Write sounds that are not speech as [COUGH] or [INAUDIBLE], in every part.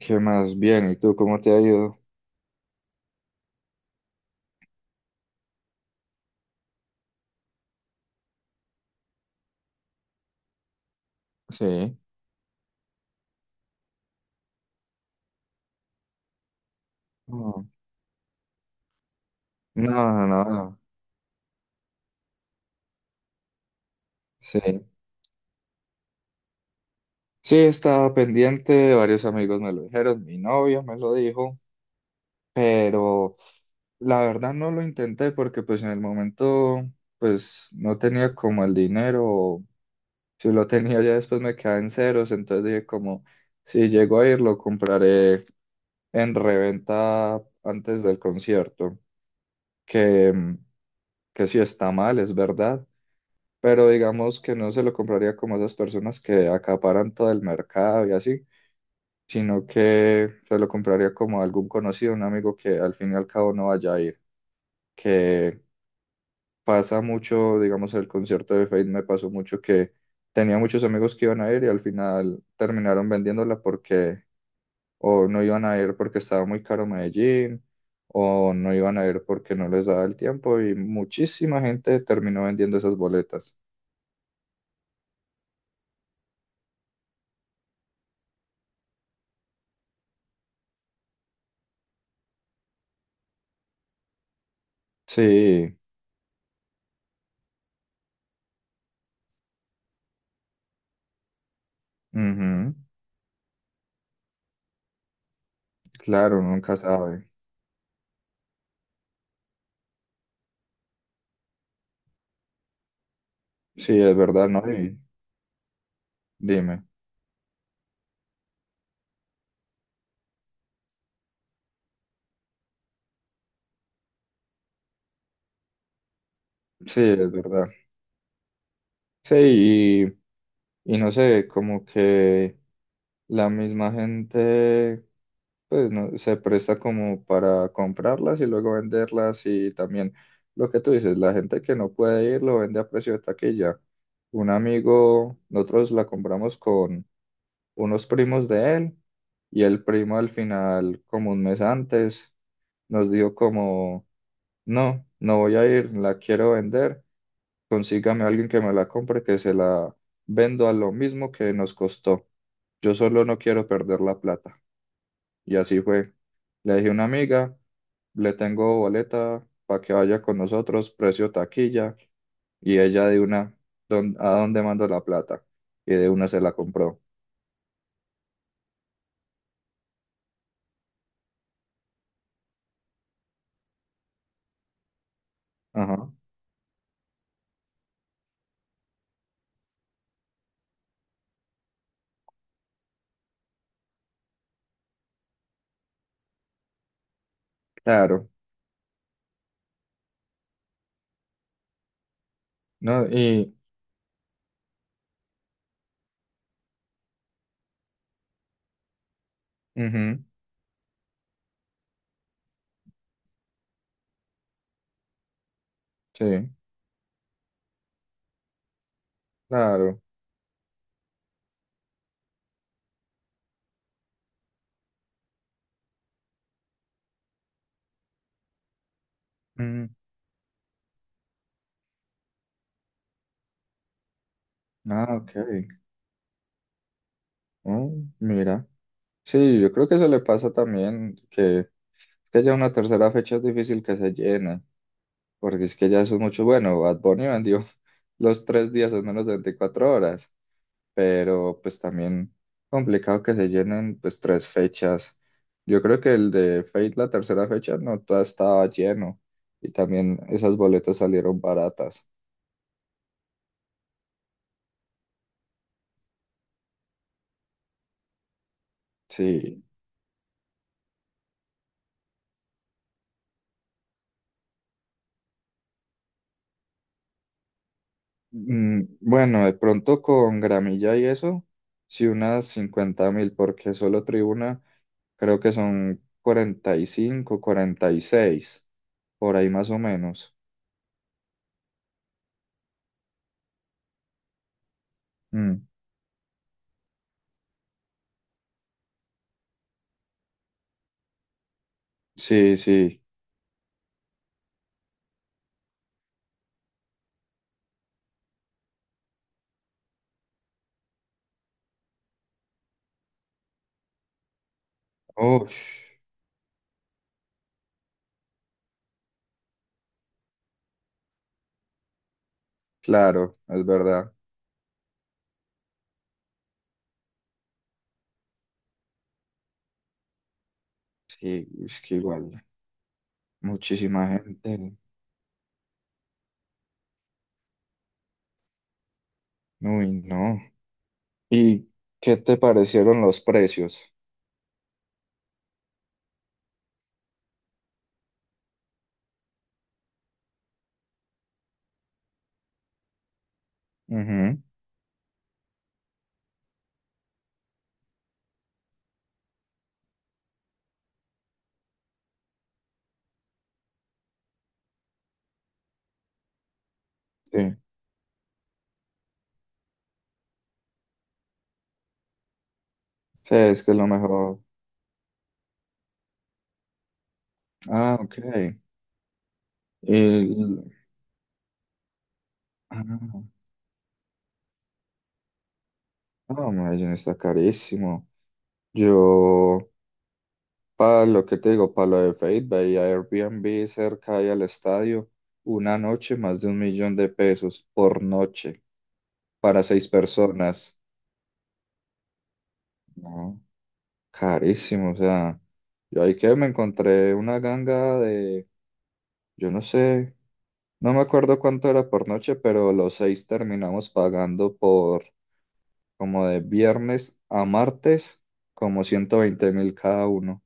¿Qué más? Bien, ¿y tú cómo te ha ido? Sí. No, no, no, no. Sí. Sí, estaba pendiente, varios amigos me lo dijeron, mi novia me lo dijo, pero la verdad no lo intenté porque pues en el momento pues no tenía como el dinero, o si lo tenía ya después me quedaba en ceros, entonces dije como si llego a ir lo compraré en reventa antes del concierto, que, que sí está mal, es verdad, pero digamos que no se lo compraría como esas personas que acaparan todo el mercado y así, sino que se lo compraría como a algún conocido, un amigo que al fin y al cabo no vaya a ir, que pasa mucho, digamos, el concierto de Faith me pasó mucho que tenía muchos amigos que iban a ir y al final terminaron vendiéndola porque o no iban a ir porque estaba muy caro Medellín, o no iban a ir porque no les daba el tiempo y muchísima gente terminó vendiendo esas boletas. Sí, ujú. Claro, uno nunca sabe. Sí, es verdad, ¿no? Y dime. Sí, es verdad. Sí, y no sé, como que la misma gente, pues, no, se presta como para comprarlas y luego venderlas y también lo que tú dices, la gente que no puede ir lo vende a precio de taquilla. Un amigo, nosotros la compramos con unos primos de él y el primo al final, como un mes antes, nos dio como... No, no voy a ir, la quiero vender. Consígame a alguien que me la compre, que se la vendo a lo mismo que nos costó. Yo solo no quiero perder la plata. Y así fue. Le dije a una amiga, le tengo boleta para que vaya con nosotros, precio taquilla. Y ella de una, "¿A dónde mando la plata?" Y de una se la compró. Ajá, claro. No, y, ujú, sí, claro. Mm, ah, ok. Oh, mira. Sí, yo creo que eso le pasa también, que es que ya una tercera fecha es difícil que se llene, porque es que ya eso es mucho bueno. Bad Bunny vendió [LAUGHS] los 3 días en menos de 24 horas, pero pues también complicado que se llenen pues tres fechas. Yo creo que el de Fate, la tercera fecha, no toda estaba lleno y también esas boletas salieron baratas. Sí. Mm, bueno, de pronto con gramilla y eso, sí unas 50.000, porque solo tribuna. Creo que son 40 45, 46, por ahí más o menos. Mm. Sí, sí. Ush, claro, es verdad. Sí, es que igual, muchísima gente. Uy, no. ¿Y qué te parecieron los precios? Ujú. Sí, sí, es que es lo mejor. Ah, ok. El... Ah, no, Medellín está carísimo. Yo, para lo que te digo, para lo de Fate, veía Airbnb cerca ahí al estadio, una noche más de 1 millón de pesos por noche para seis personas. No, carísimo, o sea, yo ahí que me encontré una ganga de, yo no sé, no me acuerdo cuánto era por noche, pero los seis terminamos pagando por como de viernes a martes, como 120.000 cada uno.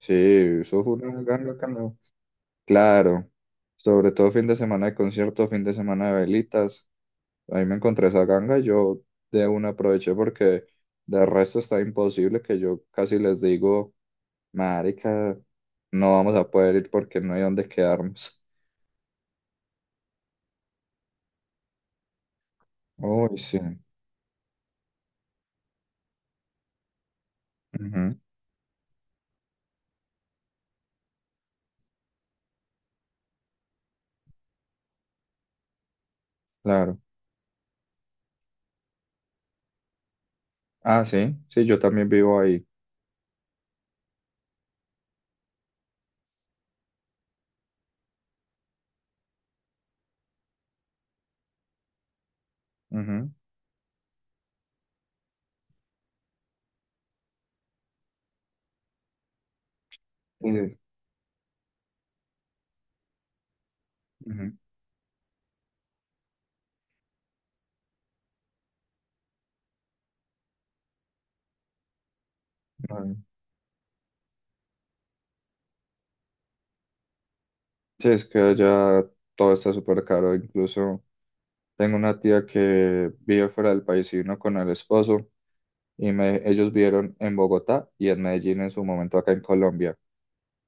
Sí, eso fue una ganga que no- Claro, sobre todo fin de semana de conciertos, fin de semana de velitas. Ahí me encontré esa ganga, yo de una aproveché porque de resto está imposible que yo casi les digo, marica, no vamos a poder ir porque no hay dónde quedarnos. [LAUGHS] Uy, sí, ujú, claro. Ah, sí, sí, yo también vivo ahí. Ujú, y- ujú, vale. Sí, es que ya todo está súper caro, incluso tengo una tía que vive fuera del país y vino con el esposo, y ellos vivieron en Bogotá y en Medellín en su momento acá en Colombia.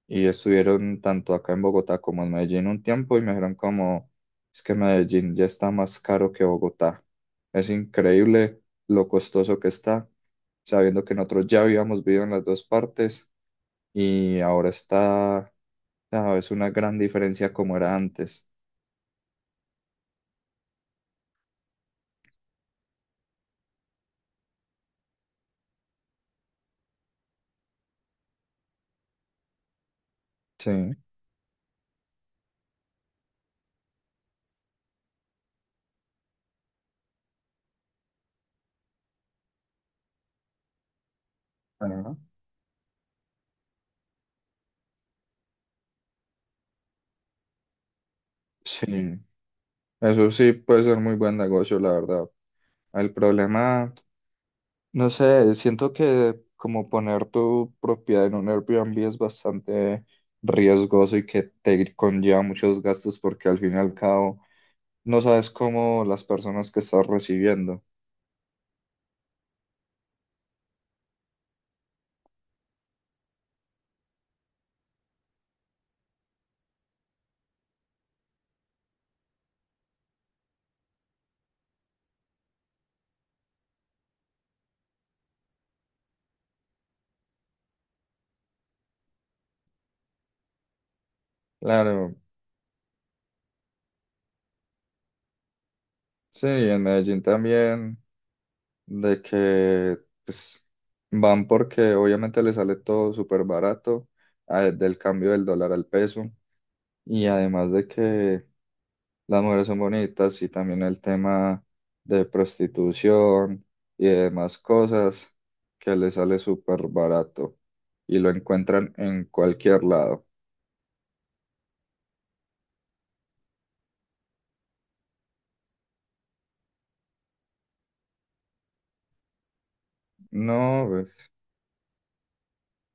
Y estuvieron tanto acá en Bogotá como en Medellín un tiempo y me dijeron como, es que Medellín ya está más caro que Bogotá. Es increíble lo costoso que está, sabiendo que nosotros ya habíamos vivido en las dos partes y ahora está, ah, es una gran diferencia como era antes. Sí. Ajá. Sí, eso sí puede ser muy buen negocio, la verdad. El problema... No sé, siento que como poner tu propiedad en un Airbnb es bastante riesgoso y que te conlleva muchos gastos porque al fin y al cabo no sabes cómo las personas que estás recibiendo. Claro, sí, en Medellín también, de que pues, van porque obviamente les sale todo súper barato, ah, del cambio del dólar al peso, y además de que las mujeres son bonitas y también el tema de prostitución y demás cosas que le sale súper barato y lo encuentran en cualquier lado. No, pues,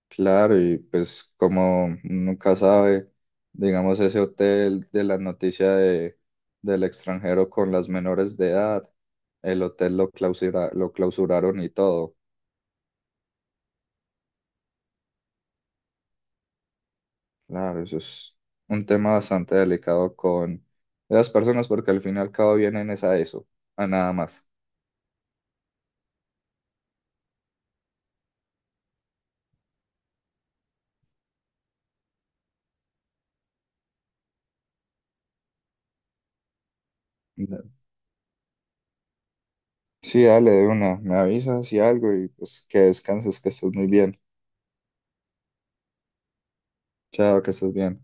claro, y pues como nunca sabe, digamos ese hotel de la noticia del extranjero con las menores de edad, el hotel lo clausuraron y todo. Claro, eso es un tema bastante delicado con las personas porque al fin y al cabo vienen es a eso, a nada más. Da- Sí, dale de una, me avisas y algo y pues que descanses, que estés muy bien. Chao, que estés bien.